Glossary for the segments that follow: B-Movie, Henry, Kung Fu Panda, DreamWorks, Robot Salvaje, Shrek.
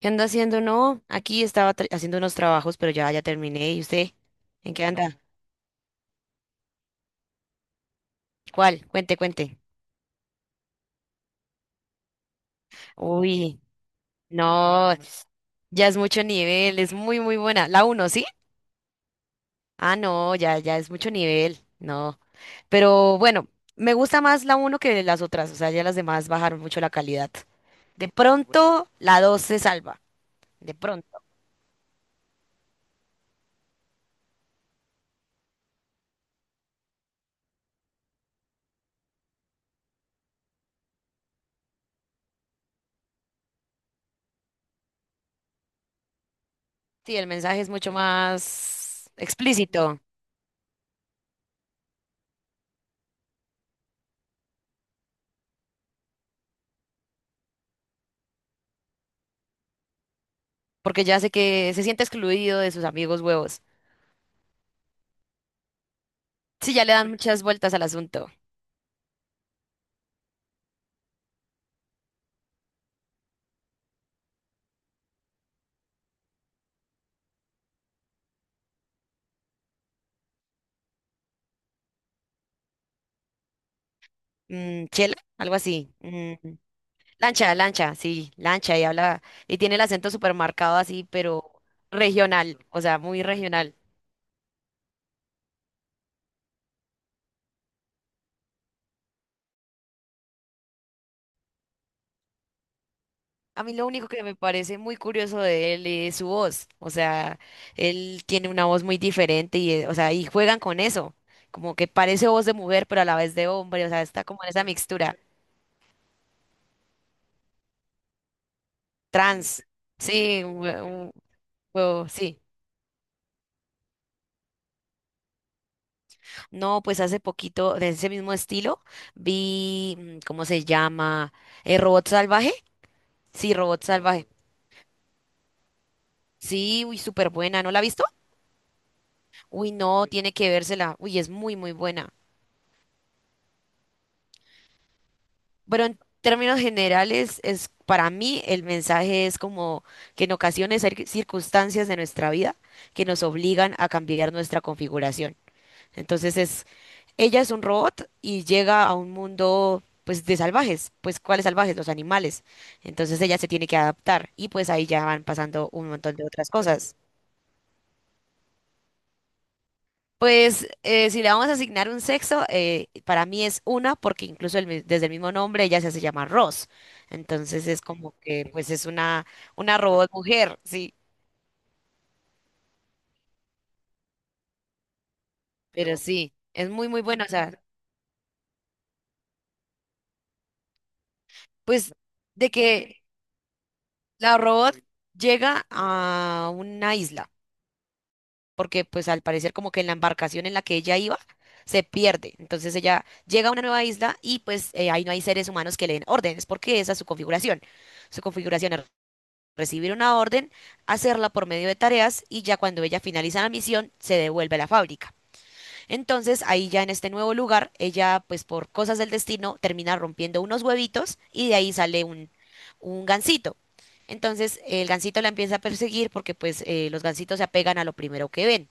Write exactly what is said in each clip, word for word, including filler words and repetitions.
¿Qué anda haciendo? No, aquí estaba tra- haciendo unos trabajos, pero ya, ya terminé. ¿Y usted? ¿En qué anda? ¿Cuál? Cuente, cuente. Uy, no, ya es mucho nivel, es muy, muy buena. La uno, ¿sí? Ah, no, ya, ya es mucho nivel, no. Pero bueno, me gusta más la uno que las otras, o sea, ya las demás bajaron mucho la calidad. De pronto, la dos se salva, de pronto. Sí, el mensaje es mucho más explícito, porque ya sé que se siente excluido de sus amigos huevos. Sí, ya le dan muchas vueltas al asunto. Mm, chela, algo así. Mm, lancha, lancha, sí, lancha, y habla, y tiene el acento súper marcado así, pero regional, o sea, muy regional. A mí lo único que me parece muy curioso de él es su voz, o sea, él tiene una voz muy diferente y, eh, o sea, y juegan con eso, como que parece voz de mujer, pero a la vez de hombre, o sea, está como en esa mixtura, trans, sí, un hue- un huevo, sí. No, pues hace poquito, de ese mismo estilo, vi, mm, ¿cómo se llama? Eh, ¿Robot Salvaje? Sí, Robot Salvaje. Sí, uy, súper buena. ¿No la ha visto? Uy, no, tiene que vérsela. Uy, es muy, muy buena. Pero en términos generales, es para mí el mensaje es como que en ocasiones hay circunstancias de nuestra vida que nos obligan a cambiar nuestra configuración. Entonces es. Ella es un robot y llega a un mundo pues de salvajes, pues ¿cuáles salvajes? Los animales. Entonces ella se tiene que adaptar y pues ahí ya van pasando un montón de otras cosas. Pues eh, si le vamos a asignar un sexo, eh, para mí es una porque incluso el mi- desde el mismo nombre ella se hace llamar Ross. Entonces es como que pues es una, una robot mujer, sí, pero sí, es muy muy buena. O sea, pues de que la robot llega a una isla. Porque pues al parecer como que en la embarcación en la que ella iba se pierde. Entonces ella llega a una nueva isla y pues eh, ahí no hay seres humanos que le den órdenes, porque esa es su configuración. Su configuración es recibir una orden, hacerla por medio de tareas y ya cuando ella finaliza la misión se devuelve a la fábrica. Entonces ahí ya en este nuevo lugar, ella pues por cosas del destino termina rompiendo unos huevitos y de ahí sale un, un gansito. Entonces el gansito la empieza a perseguir porque pues eh, los gansitos se apegan a lo primero que ven.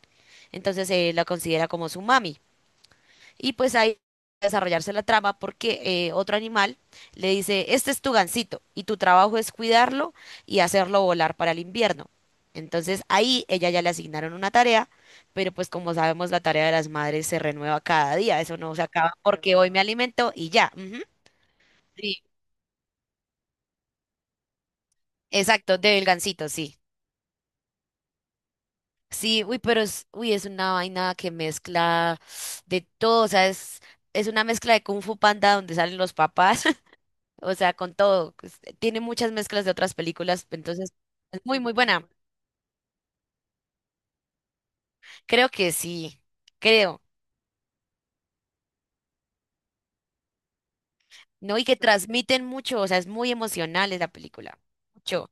Entonces eh, la considera como su mami. Y pues ahí va a desarrollarse la trama porque eh, otro animal le dice, este es tu gansito y tu trabajo es cuidarlo y hacerlo volar para el invierno. Entonces ahí ella ya le asignaron una tarea, pero pues como sabemos la tarea de las madres se renueva cada día, eso no se acaba porque hoy me alimento y ya. Ujú. Sí, exacto, del gansito, sí. Sí, uy, pero es, uy, es una vaina que mezcla de todo, o sea, es, es una mezcla de Kung Fu Panda donde salen los papás. O sea, con todo. Pues, tiene muchas mezclas de otras películas, entonces es muy, muy buena. Creo que sí, creo, ¿no? Y que transmiten mucho, o sea, es muy emocional esa película. Mucho.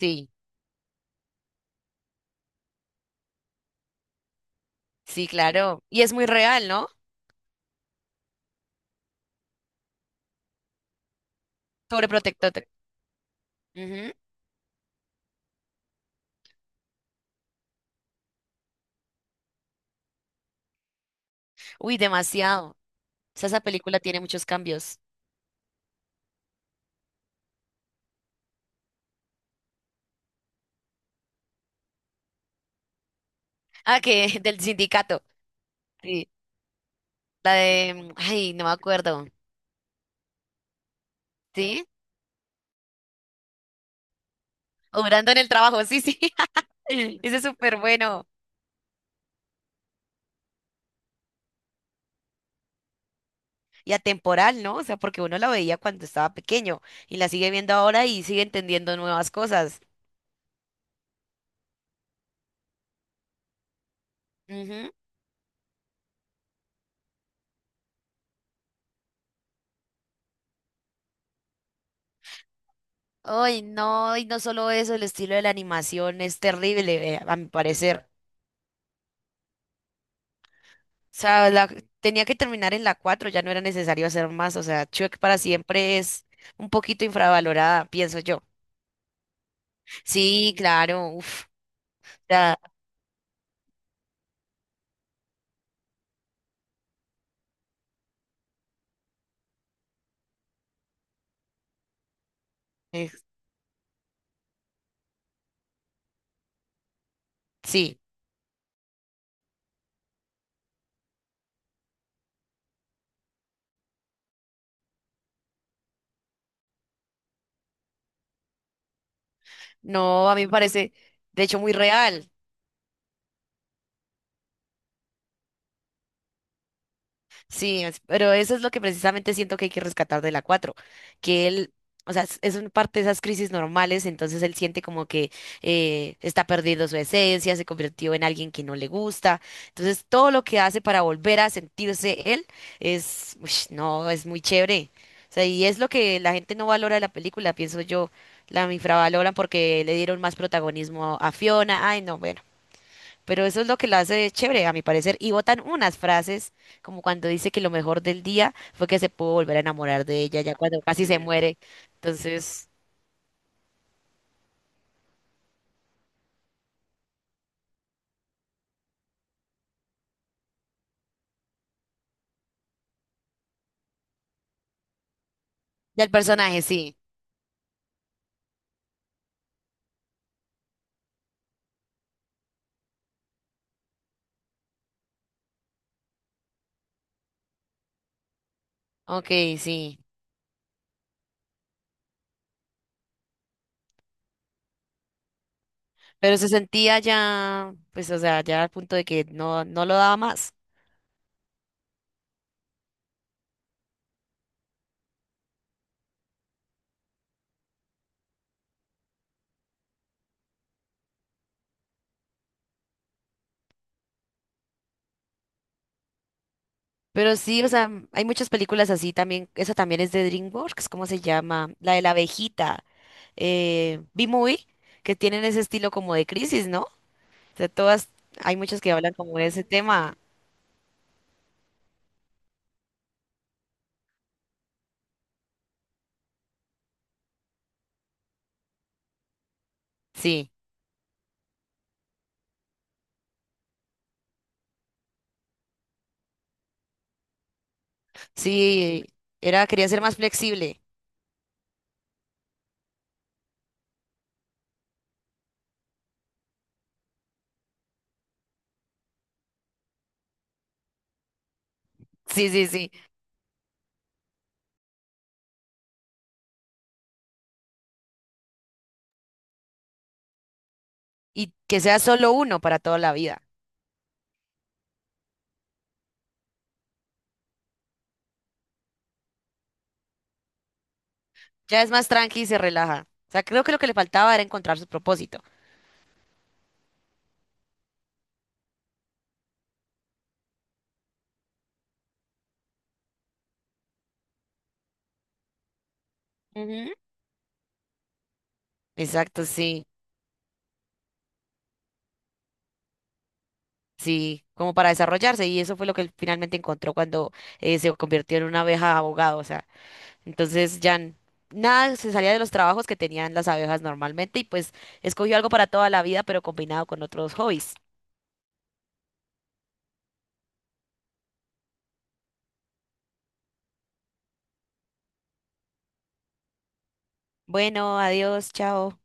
Sí, sí, claro. Y es muy real, ¿no? Sobreprotector. Ujú. Uy, demasiado. O sea, esa película tiene muchos cambios. Ah, que del sindicato. Sí. La de, mm, ay, no me acuerdo. ¿Sí? Obrando en el trabajo, sí, sí. Ese es súper bueno. Y atemporal, ¿no? O sea, porque uno la veía cuando estaba pequeño y la sigue viendo ahora y sigue entendiendo nuevas cosas. Ujú. Ay, no, y no solo eso, el estilo de la animación es terrible, eh, a mi parecer. O sea, la- tenía que terminar en la cuatro, ya no era necesario hacer más. O sea, Shrek para siempre es un poquito infravalorada, pienso yo. Sí, claro, uf, ya, eh, sí. No, a mí me parece, de hecho, muy real. Sí, es- pero eso es lo que precisamente siento que hay que rescatar de la cuatro, que él, o sea, es es un parte de esas crisis normales, entonces él siente como que eh, está perdiendo su esencia, se convirtió en alguien que no le gusta, entonces todo lo que hace para volver a sentirse él es, uish, no, es muy chévere, o sea, y es lo que la gente no valora de la película, pienso yo, la infravaloran porque le dieron más protagonismo a Fiona, ay, no, bueno. Pero eso es lo que la hace chévere, a mi parecer. Y botan unas frases, como cuando dice que lo mejor del día fue que se pudo volver a enamorar de ella, ya cuando casi se. Sí. Muere. Entonces, del personaje, sí. Ok, sí. Pero se sentía ya, pues, o sea, ya al punto de que no, no lo daba más. Pero sí, o sea, hay muchas películas así también. Esa también es de DreamWorks, ¿cómo se llama? La de la abejita, eh, B-Movie, que tienen ese estilo como de crisis, ¿no? O sea, todas, hay muchas que hablan como de ese tema. Sí. Sí, era, quería ser más flexible. Sí, sí, sí. Y que sea solo uno para toda la vida. Ya es más tranqui y se relaja. O sea, creo que lo que le faltaba era encontrar su propósito. Ujú. Exacto, sí, sí, como para desarrollarse. Y eso fue lo que él finalmente encontró cuando eh, se convirtió en una abeja abogado. O sea, entonces ya n- nada se salía de los trabajos que tenían las abejas normalmente y pues escogió algo para toda la vida, pero combinado con otros hobbies. Bueno, adiós, chao.